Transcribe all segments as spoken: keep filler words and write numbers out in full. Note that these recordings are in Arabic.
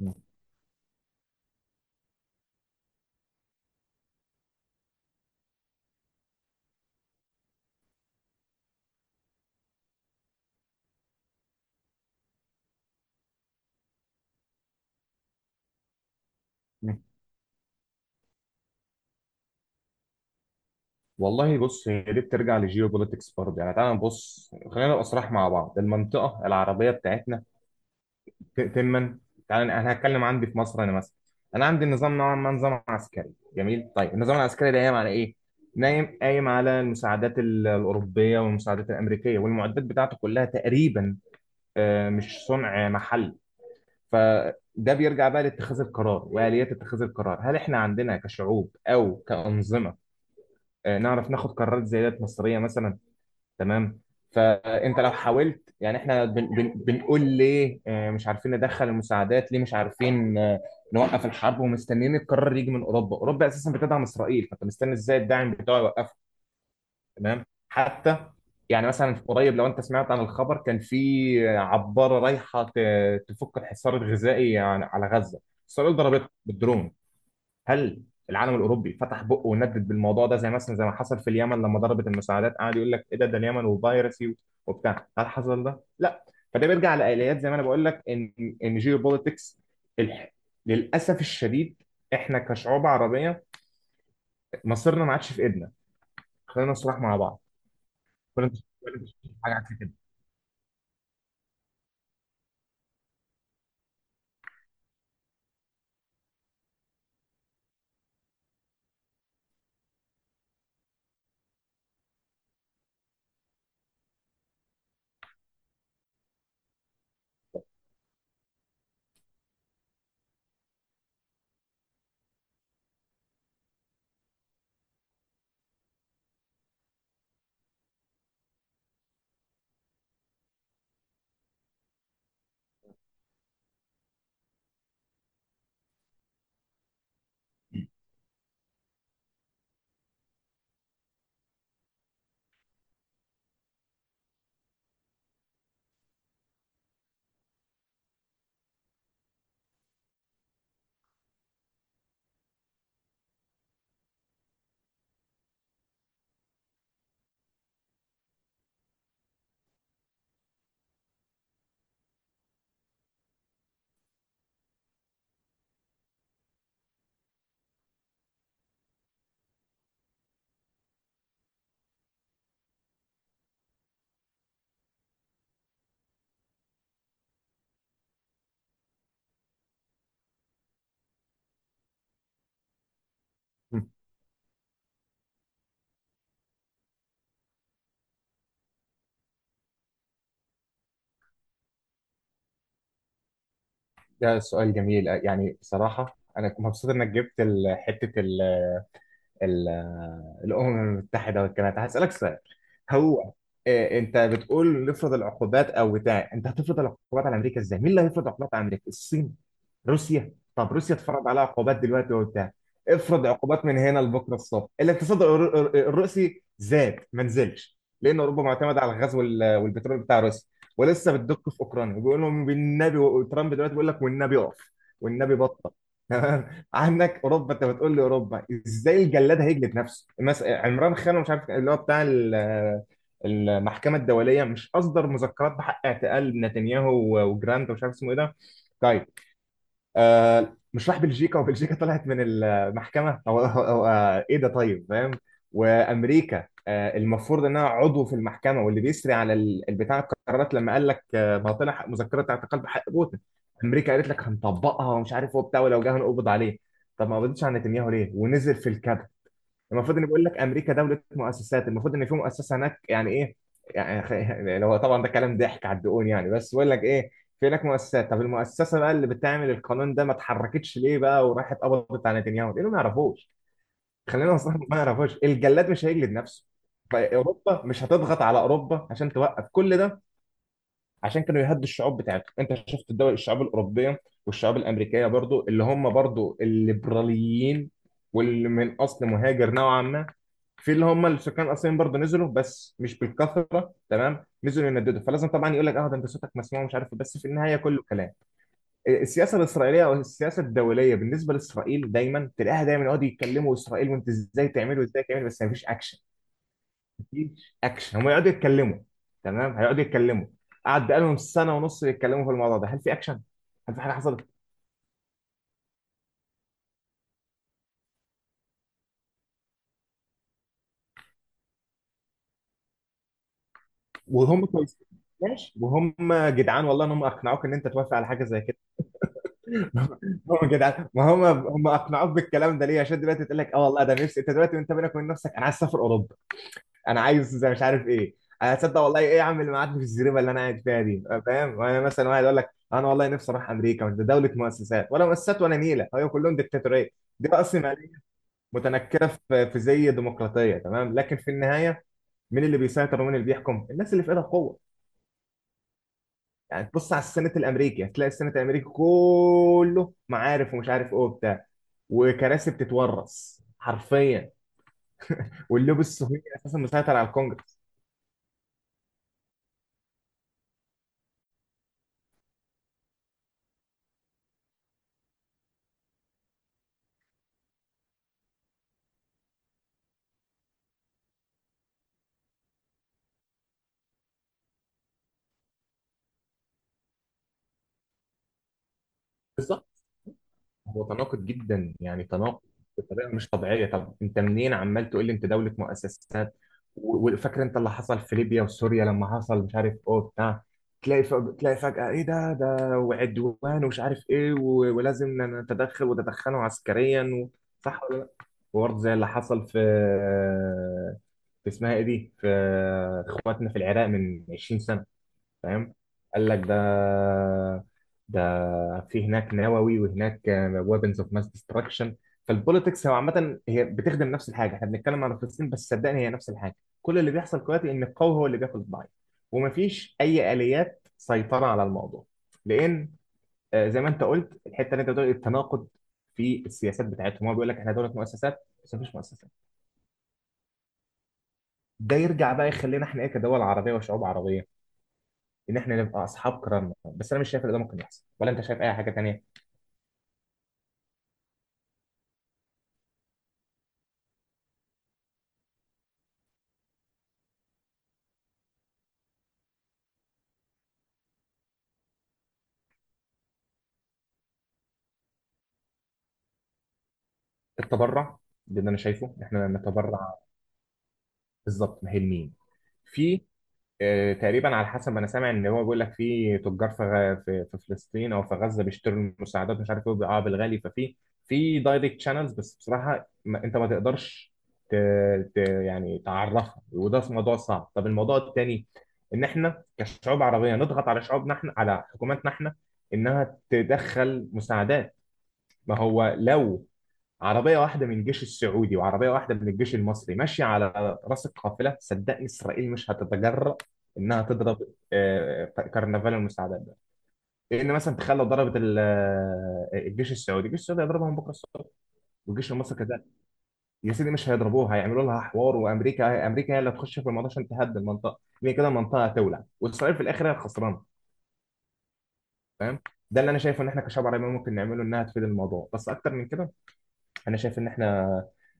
مم. والله بص هي دي بترجع لجيو بوليتكس برضه يعني تعالى نبص خلينا نبقى صراح مع بعض المنطقه العربيه بتاعتنا. ت- تما تعالى انا هتكلم عندي في مصر انا مثلا انا عندي النظام نوعا ما نظام عسكري جميل. طيب النظام العسكري ده قايم على ايه؟ نايم قايم على المساعدات ال- الاوروبيه والمساعدات الامريكيه والمعدات بتاعته كلها تقريبا، آه، مش صنع محلي. فده بيرجع بقى لاتخاذ القرار واليات اتخاذ القرار. هل احنا عندنا كشعوب او كانظمه آه، نعرف ناخد قرارات زي ديت مصيريه مثلا؟ تمام. فانت لو حاولت يعني احنا بن بن بنقول ليه آه، مش عارفين ندخل المساعدات، ليه مش عارفين آه، نوقف الحرب، ومستنيين القرار يجي من اوروبا. اوروبا اساسا بتدعم اسرائيل، فانت مستني ازاي الداعم بتاعه يوقفها؟ تمام. حتى يعني مثلا في قريب، لو انت سمعت عن الخبر، كان في عباره رايحه ت- تفك الحصار الغذائي عن- على غزه، اسرائيل ضربتها بالدرون. هل العالم الاوروبي فتح بقه وندد بالموضوع ده زي مثلا زي ما حصل في اليمن لما ضربت المساعدات، قعد يقول لك ايه ده، ده اليمن وفيروسي وبتاع؟ هل حصل ده؟ لا. فده بيرجع لآليات زي ما انا بقول لك ان ان جيوبوليتكس الح... للاسف الشديد احنا كشعوب عربيه مصيرنا ما عادش في ايدنا. خلينا نصرح مع بعض. كل انت كل أنت شايف حاجه عكس كده؟ مم. ده سؤال جميل. يعني بصراحه انا مبسوط انك جبت ال- حته ال- الأمم المتحدة والكلام ده. هسألك سؤال. هو آه، انت بتقول نفرض العقوبات او بتاع، انت هتفرض العقوبات على امريكا ازاي؟ مين اللي هيفرض عقوبات على امريكا؟ الصين؟ روسيا؟ طب روسيا اتفرض عليها عقوبات دلوقتي وبتاع، افرض عقوبات من هنا لبكره الصبح، الاقتصاد الر- الر- الروسي زاد ما نزلش، لان اوروبا معتمده على الغاز وال- والبترول بتاع روسيا، ولسه بتدق في اوكرانيا وبيقول لهم بالنبي. وترامب دلوقتي بيقول لك والنبي اقف، والنبي بطل. عندك اوروبا، انت بتقول لي اوروبا ازاي؟ الجلاد هيجلد نفسه؟ مثلا عمران خان، مش عارف اللي هو بتاع ال- المحكمه الدوليه، مش اصدر مذكرات بحق اعتقال نتنياهو و- وجراند ومش عارف اسمه ايه ده؟ طيب آه، مش راح بلجيكا وبلجيكا طلعت من المحكمة؟ هو هو- هو آه ايه ده، طيب فاهم. وامريكا آه المفروض انها عضو في المحكمة واللي بيسري على ال- البتاع، القرارات، لما قال لك آه ما هو طلع حق- مذكرة اعتقال بحق بوتين، امريكا قالت لك هنطبقها ومش عارف هو بتاع ولو جه هنقبض عليه. طب ما قبضتش على نتنياهو ليه ونزل في الكابيتال؟ المفروض اني بقول لك امريكا دوله مؤسسات، المفروض ان في مؤسسه هناك. يعني ايه يعني؟ لو طبعا ده كلام ضحك على الدقون، يعني بس بقول لك ايه، في هناك مؤسسات. طب المؤسسه بقى اللي بتعمل القانون ده ما اتحركتش ليه بقى وراحت قبضت على نتنياهو ليه؟ ما يعرفوش. خلينا نصرح، ما يعرفوش. الجلاد مش هيجلد نفسه. اوروبا مش هتضغط على اوروبا عشان توقف كل ده، عشان كانوا يهدوا الشعوب بتاعتهم. انت شفت الدول، الشعوب الاوروبيه والشعوب الامريكيه برضو، اللي هم برضو الليبراليين واللي من اصل مهاجر نوعا ما، في اللي هم السكان الاصليين برضو نزلوا، بس مش بالكثره، تمام، نزلوا ينددوا. فلازم طبعا يقول لك اه ده انت صوتك مسموع مش عارف إيه، بس في النهايه كله كلام. السياسه الاسرائيليه او السياسه الدوليه بالنسبه لاسرائيل دايما تلاقيها دايما يقعدوا يتكلموا، اسرائيل وانت ازاي تعملوا ازاي تعملوا، بس مفيش اكشن. مفيش اكشن، هم يقعدوا يتكلموا. تمام، هيقعدوا يتكلموا. قعد بقالهم سنه ونص يتكلموا في الموضوع ده. هل في اكشن؟ هل في حاجه حصلت؟ وهم كويسين، ماشي، وهم جدعان والله، ان هم اقنعوك ان انت توافق على حاجه زي كده. هم جدعان. ما هم هم اقنعوك بالكلام ده ليه؟ عشان دلوقتي تقول لك اه والله ده نفسي. انت دلوقتي وانت بينك وبين نفسك، انا عايز اسافر اوروبا، انا عايز زي مش عارف ايه. انا هتصدق والله ايه يا عم، اللي معاد في الزريبه اللي انا قاعد فيها دي آه، فاهم. وانا مثلا واحد يقول لك انا والله نفسي اروح امريكا، وده دوله مؤسسات. ولا مؤسسات ولا نيله، هي كلهم ديكتاتوريه. دي بقى اصلا متنكره في في زي ديمقراطيه، تمام، لكن في النهايه مين اللي بيسيطر ومين اللي بيحكم؟ الناس اللي في ايدها القوه. يعني تبص على السنات الامريكي هتلاقي السنات الامريكي كله معارف ومش عارف ايه وبتاع، وكراسي بتتورث حرفيا، واللوبي الصهيوني اساسا مسيطر على الكونجرس. هو تناقض جدا يعني، تناقض بطريقه مش طبيعيه. طب انت منين عمال تقول لي انت دوله مؤسسات؟ و- وفاكر انت اللي حصل في ليبيا وسوريا لما حصل مش عارف ايه بتاع، تلاقي ف- تلاقي فجاه ايه ده، ده وعدوان ومش عارف ايه و- ولازم نتدخل وتدخلوا عسكريا و... صح ولا لا؟ وبرضه زي اللي حصل في في اسمها ايه دي، في اخواتنا في العراق من عشرين سنة سنه، فاهم، قال لك ده، ده في هناك نووي وهناك ويبنز اوف ماس ديستراكشن. فالبوليتكس هو عامه هي بتخدم نفس الحاجه. احنا بنتكلم على فلسطين بس صدقني هي نفس الحاجه. كل اللي بيحصل دلوقتي ان القوي هو اللي بياكل الضعيف، ومفيش اي اليات سيطره على الموضوع، لان آه، زي ما انت قلت الحته اللي انت بتقول التناقض في السياسات بتاعتهم، هو بيقول لك احنا دوله مؤسسات بس مفيش مؤسسات. ده يرجع بقى يخلينا احنا ايه كدول عربيه وشعوب عربيه، ان احنا نبقى اصحاب كرامه. بس انا مش شايف ان ده ممكن يحصل، ولا انت شايف اي حاجه تانية؟ التبرع، ده اللي انا شايفه، ان احنا نتبرع. بالظبط، ما هي لمين؟ في آه، تقريبا على حسب ما انا سامع، ان هو بيقول لك في تجار في غ- في في فلسطين او في غزه بيشتروا المساعدات مش عارف ايه وبيبيعوها بالغالي. ففي في دايركت شانلز، بس بصراحه ما انت ما تقدرش ت... ت... يعني تعرفها، وده موضوع صعب. طب الموضوع التاني ان احنا كشعوب عربيه نضغط على شعوبنا احنا، على حكوماتنا احنا، انها تدخل مساعدات. ما هو لو عربية واحدة من الجيش السعودي وعربية واحدة من الجيش المصري ماشية على رأس القافلة، صدقني إسرائيل مش هتتجرأ إنها تضرب آه، كرنفال المساعدات ده. لأن مثلا تخيل لو ضربت ال- آه، الجيش السعودي، الجيش السعودي هيضربها من بكرة الصبح، والجيش المصري كذلك. يا سيدي مش هيضربوها، هيعملوا لها حوار. وأمريكا، أمريكا هي اللي هتخش في الموضوع عشان تهدد المنطقة، لأن كده المنطقة هتولع وإسرائيل في الآخر هي الخسرانة. فاهم. ده اللي أنا شايفه إن إحنا كشعب عربي ممكن نعمله إنها تفيد الموضوع. بس أكتر من كده انا شايف ان احنا،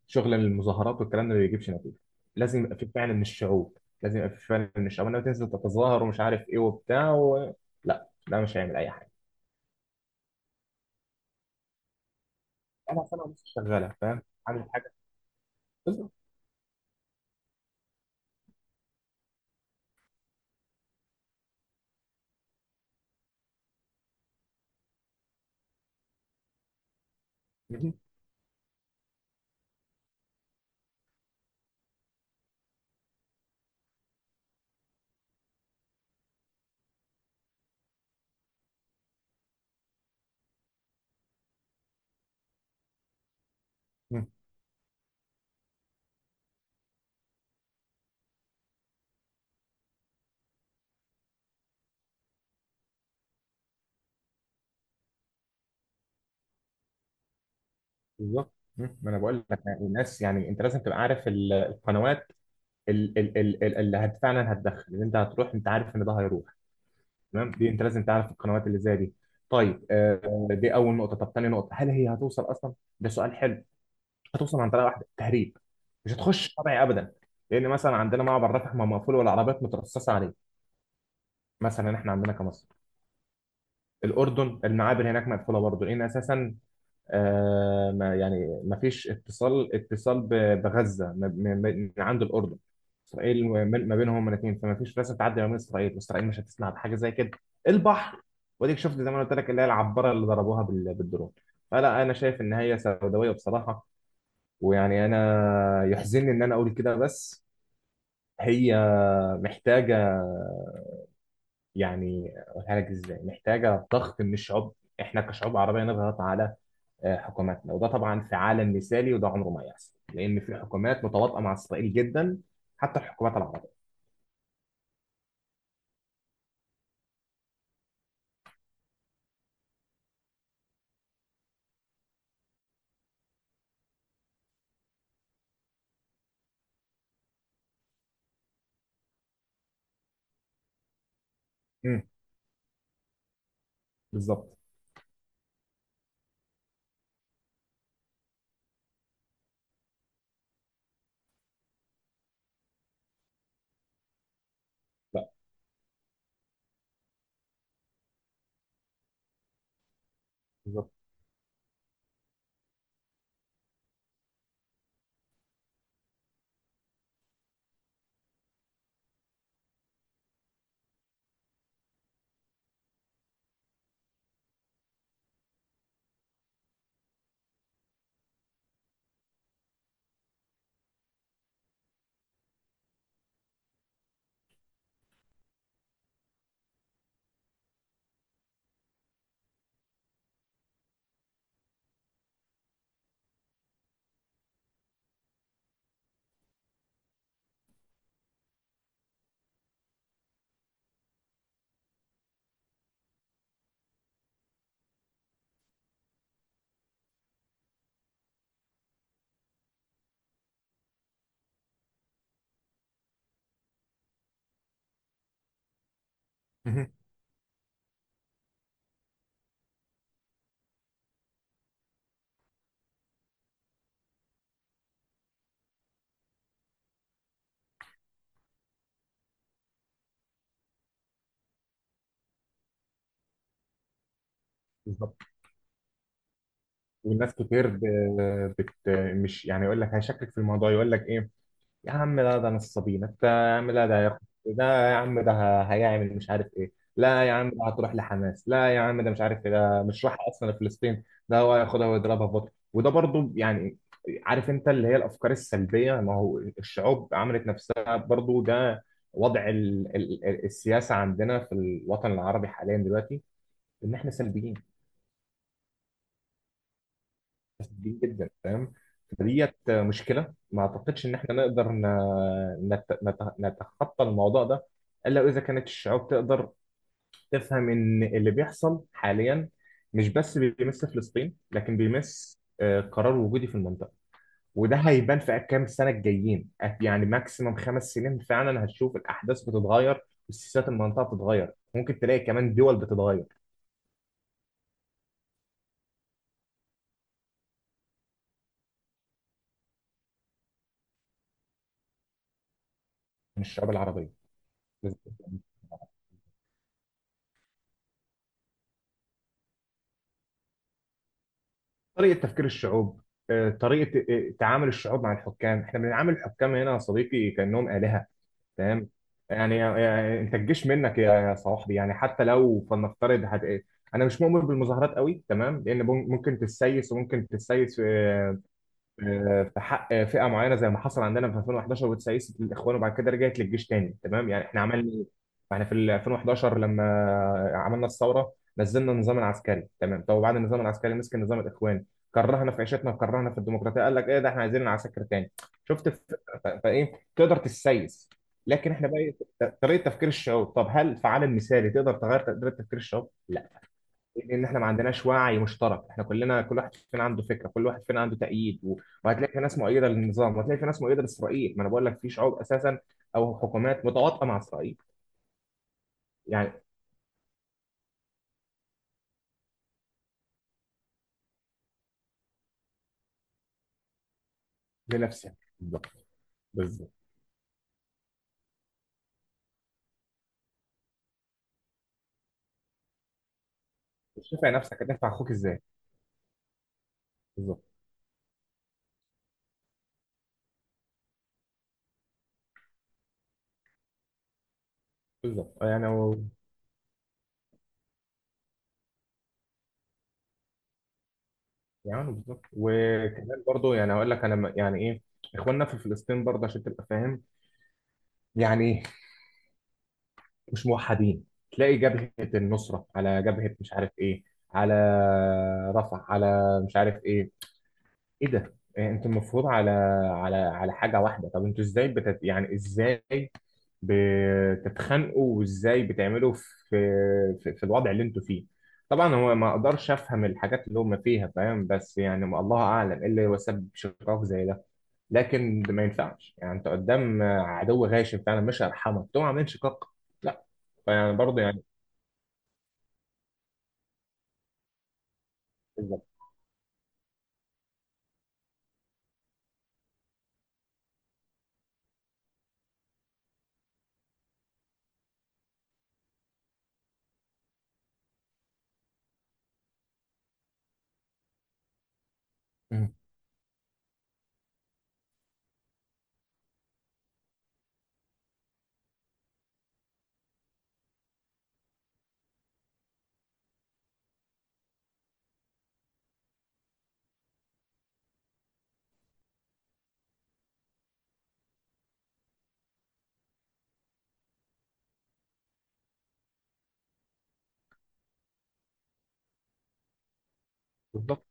شغل المظاهرات والكلام ده ما بيجيبش نتيجه. لازم يبقى في فعلا من الشعوب، لازم يبقى في فعلا من الشعوب، انما تنزل تتظاهر ومش عارف ايه وبتاع و... لا ده مش هيعمل اي حاجه. انا سنه ونص شغاله فاهم، عامل حاجه؟ بالظبط. مهم. مهم. بالظبط. مهم. ما انا بقول لك يعني الناس، يعني انت لازم تبقى عارف ال- القنوات، ال- ال- ال- ال- اللي هت فعلا هتدخل، اللي انت هتروح، انت عارف ان ده هيروح. تمام، دي انت لازم تعرف القنوات اللي زي دي. طيب آه، دي اول نقطه. طب تاني نقطه، هل هي هتوصل اصلا؟ ده سؤال حلو. هتوصل عن طريقه واحده، تهريب، مش هتخش طبيعي ابدا. لان مثلا عندنا معبر رفح ما مقفول والعربيات مترصصه عليه. مثلا احنا عندنا كمصر، الاردن، المعابر هناك مقفوله برضه، لان اساسا آه ما يعني ما فيش اتصال، اتصال ب- بغزه ما- ما- ما- من عند الاردن، اسرائيل، ومن- ما بينهم هما الاثنين. فما فيش راسه تعدي ما بين اسرائيل واسرائيل مش هتسمع بحاجه زي كده. البحر واديك شفت زي ما أنا قلت لك، اللي هي العباره اللي ضربوها بال- بالدرون. فلا، انا شايف ان هي سوداويه بصراحه، ويعني انا يحزنني ان انا اقول كده، بس هي محتاجه، يعني اقولها لك ازاي، محتاجه ضغط من الشعوب. احنا كشعوب عربيه نضغط على آه، حكوماتنا، وده طبعا في عالم مثالي، وده عمره ما يحصل، لان في حكومات متواطئه مع اسرائيل جدا، حتى الحكومات العربيه. مم. بالظبط. لا. بالظبط. مهم. بالظبط. والناس كتير ب- بت مش يعني، يقول لك هيشكك في الموضوع، يقول لك ايه يا عم، لا ده نصابين. انت يا عم لا ده هياخد، ده يا عم ده ه- هيعمل مش عارف ايه، لا يا عم ده هتروح لحماس، لا يا عم ده مش عارف ايه، ده مش راح اصلا لفلسطين، ده هو هياخدها ويضربها في بطن، وده برضو يعني، عارف، انت اللي هي الافكار السلبيه. ما هو الشعوب عملت نفسها برضو ده وضع ال- ال- ال- السياسه عندنا في الوطن العربي حاليا دلوقتي، ان احنا سلبيين مفسدين جدا، فاهم. فديت مشكله ما اعتقدش ان احنا نقدر ن- نت- نت- نتخطى الموضوع ده، الا اذا كانت الشعوب تقدر تفهم ان اللي بيحصل حاليا مش بس بيمس فلسطين، لكن بيمس آه، قرار وجودي في المنطقه. وده هيبان في كام سنه الجايين، يعني ماكسيمم خمس سنين فعلا هتشوف الاحداث بتتغير وسياسات المنطقه بتتغير، ممكن تلاقي كمان دول بتتغير. من الشعوب العربيه. طريقة تفكير الشعوب، آه، طريقة آه، تعامل الشعوب مع الحكام. احنا بنعامل الحكام هنا يا صديقي كأنهم آلهة. تمام، يعني يعني انت الجيش منك يا يا صاحبي، يعني حتى لو فلنفترض هت... آه، انا مش مؤمن بالمظاهرات قوي، تمام، لان مم- ممكن تتسيس وممكن تتسيس آه، آه، في حق فئه معينه زي ما حصل عندنا في ألفين وأحد عشر والتسيست الاخوان وبعد كده رجعت للجيش تاني، تمام، يعني احنا عملنا ايه؟ احنا في ال ألفين وحداشر لما عملنا الثوره، نزلنا النظام العسكري، تمام. طب وبعد النظام العسكري مسك نظام الاخوان، كرهنا في عيشتنا وكرهنا في الديمقراطيه، قال لك ايه ده احنا عايزين العساكر تاني. شفت الفكرة؟ ف- فايه تقدر تسيس، لكن احنا بقى إيه؟ طريقه تفكير الشعوب. طب هل فعال المثالي تقدر تغير طريقه تفكير الشعوب؟ لا. لان احنا ما عندناش وعي مشترك، احنا كلنا كل واحد فينا عنده فكره، كل واحد فينا عنده تأييد، و- وهتلاقي في ناس مؤيده للنظام وهتلاقي في ناس مؤيده لاسرائيل. ما انا بقول لك في شعوب اساسا او حكومات متواطئه مع اسرائيل. يعني لنفسك. بالظبط. بالظبت. شوفها نفسك هتنفع اخوك ازاي؟ بالظبط. بالظبط. يعني هو، يعني بالظبط. وكمان برضو يعني هقول لك انا م- يعني ايه، اخواننا في فلسطين برضه عشان تبقى فاهم يعني مش موحدين. تلاقي جبهه النصره على جبهه مش عارف ايه، على رفح، على مش عارف ايه، ايه ده، إيه انتوا المفروض على على على حاجه واحده؟ طب انتوا ازاي بتت... يعني ازاي بتتخانقوا وازاي بتعملوا في في, في الوضع اللي انتوا فيه؟ طبعا هو ما اقدرش افهم الحاجات اللي هم فيها، فاهم، بس يعني ما الله اعلم ايه اللي هو سبب شقاق زي ده، لكن ده ما ينفعش. يعني انت قدام عدو غاشم فعلا مش هيرحمك تقوم عاملين شقاق؟ لا. فيعني برضه يعني. بالظبط. مم. بالظبط.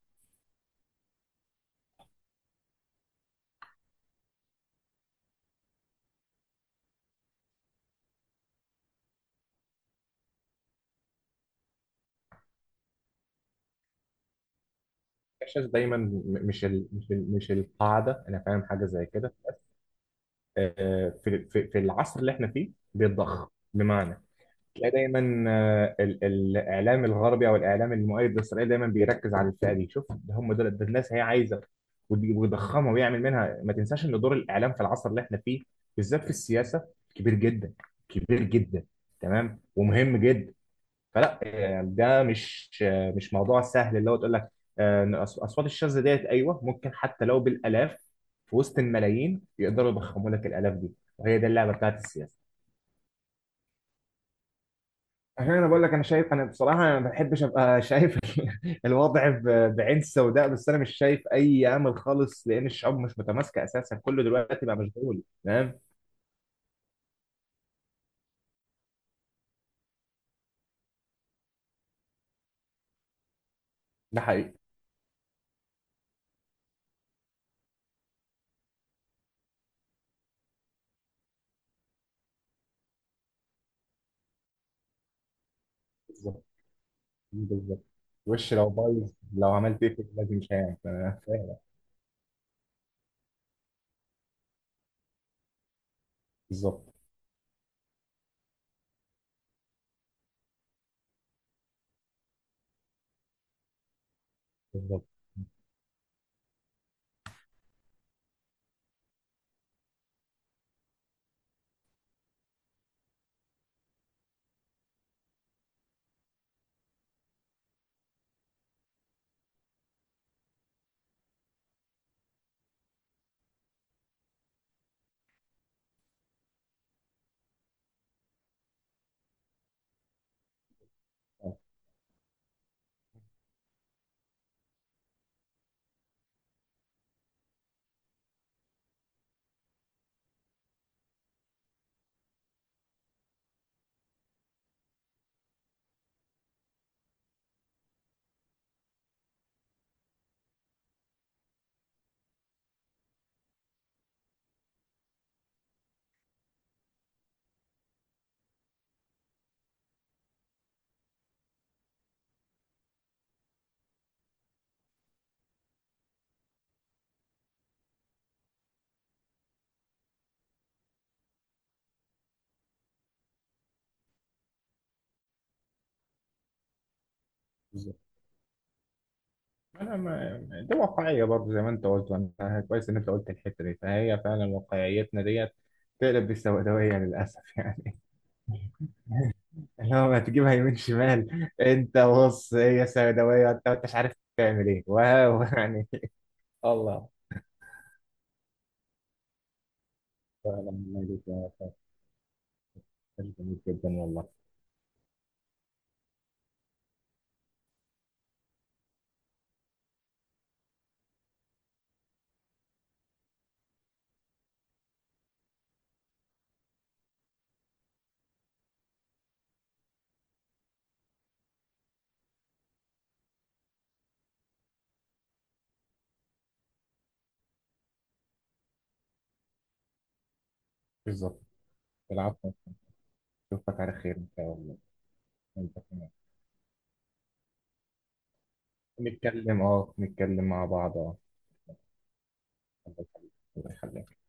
الاحساس دايما م- مش ال... مش ال... مش القاعده، انا فاهم حاجه زي كده. آه، في في في العصر اللي احنا فيه بيتضخ، بمعنى تلاقي دايما آه، ال- الاعلام الغربي او الاعلام المؤيد لاسرائيل دايما بيركز على الفئه دي، شوف ده هم دول، ده الناس هي عايزه، ويجي- ويضخمها ويعمل منها. ما تنساش ان دور الاعلام في العصر اللي احنا فيه بالذات في السياسه كبير جدا، كبير جدا، تمام، ومهم جدا. فلا يعني ده مش، مش موضوع سهل، اللي هو تقول لك آه، إن أص- اصوات الشاذة ديت، ايوه ممكن حتى لو بالالاف في وسط الملايين يقدروا يضخموا لك الالاف دي، وهي دي اللعبه بتاعت السياسه. عشان انا بقول لك انا شايف، انا بصراحه انا ما بحبش ابقى شايف الوضع ب- بعين سوداء، بس انا مش شايف اي امل خالص لان الشعوب مش متماسكه اساسا، كله دلوقتي بقى مشغول. تمام. ده حقيقي. بالظبط. بالظبط. وش لو بايظ لو عملت ايه لازم مش هيعمل. فاهم. بالظبط. بالظبط. آه، بالظبط. انا ما، دي واقعيه برضه زي ما انت قلت، وانا كويس ان انت قلت الحته دي، فهي فعلا واقعيتنا ديت تقلب بالسوداويه للاسف يعني. اللي هو ما تجيبها يمين شمال، انت بص هي سوداويه، انت انت مش عارف تعمل ايه واو يعني. الله. فعلا ما يليق يا أستاذ. جميل جدا والله. بالظبط. العفو. اشوفك على خير ان شاء الله. انت كمان. نتكلم اه نتكلم مع بعض اه. الله يخليك. الله يخليك.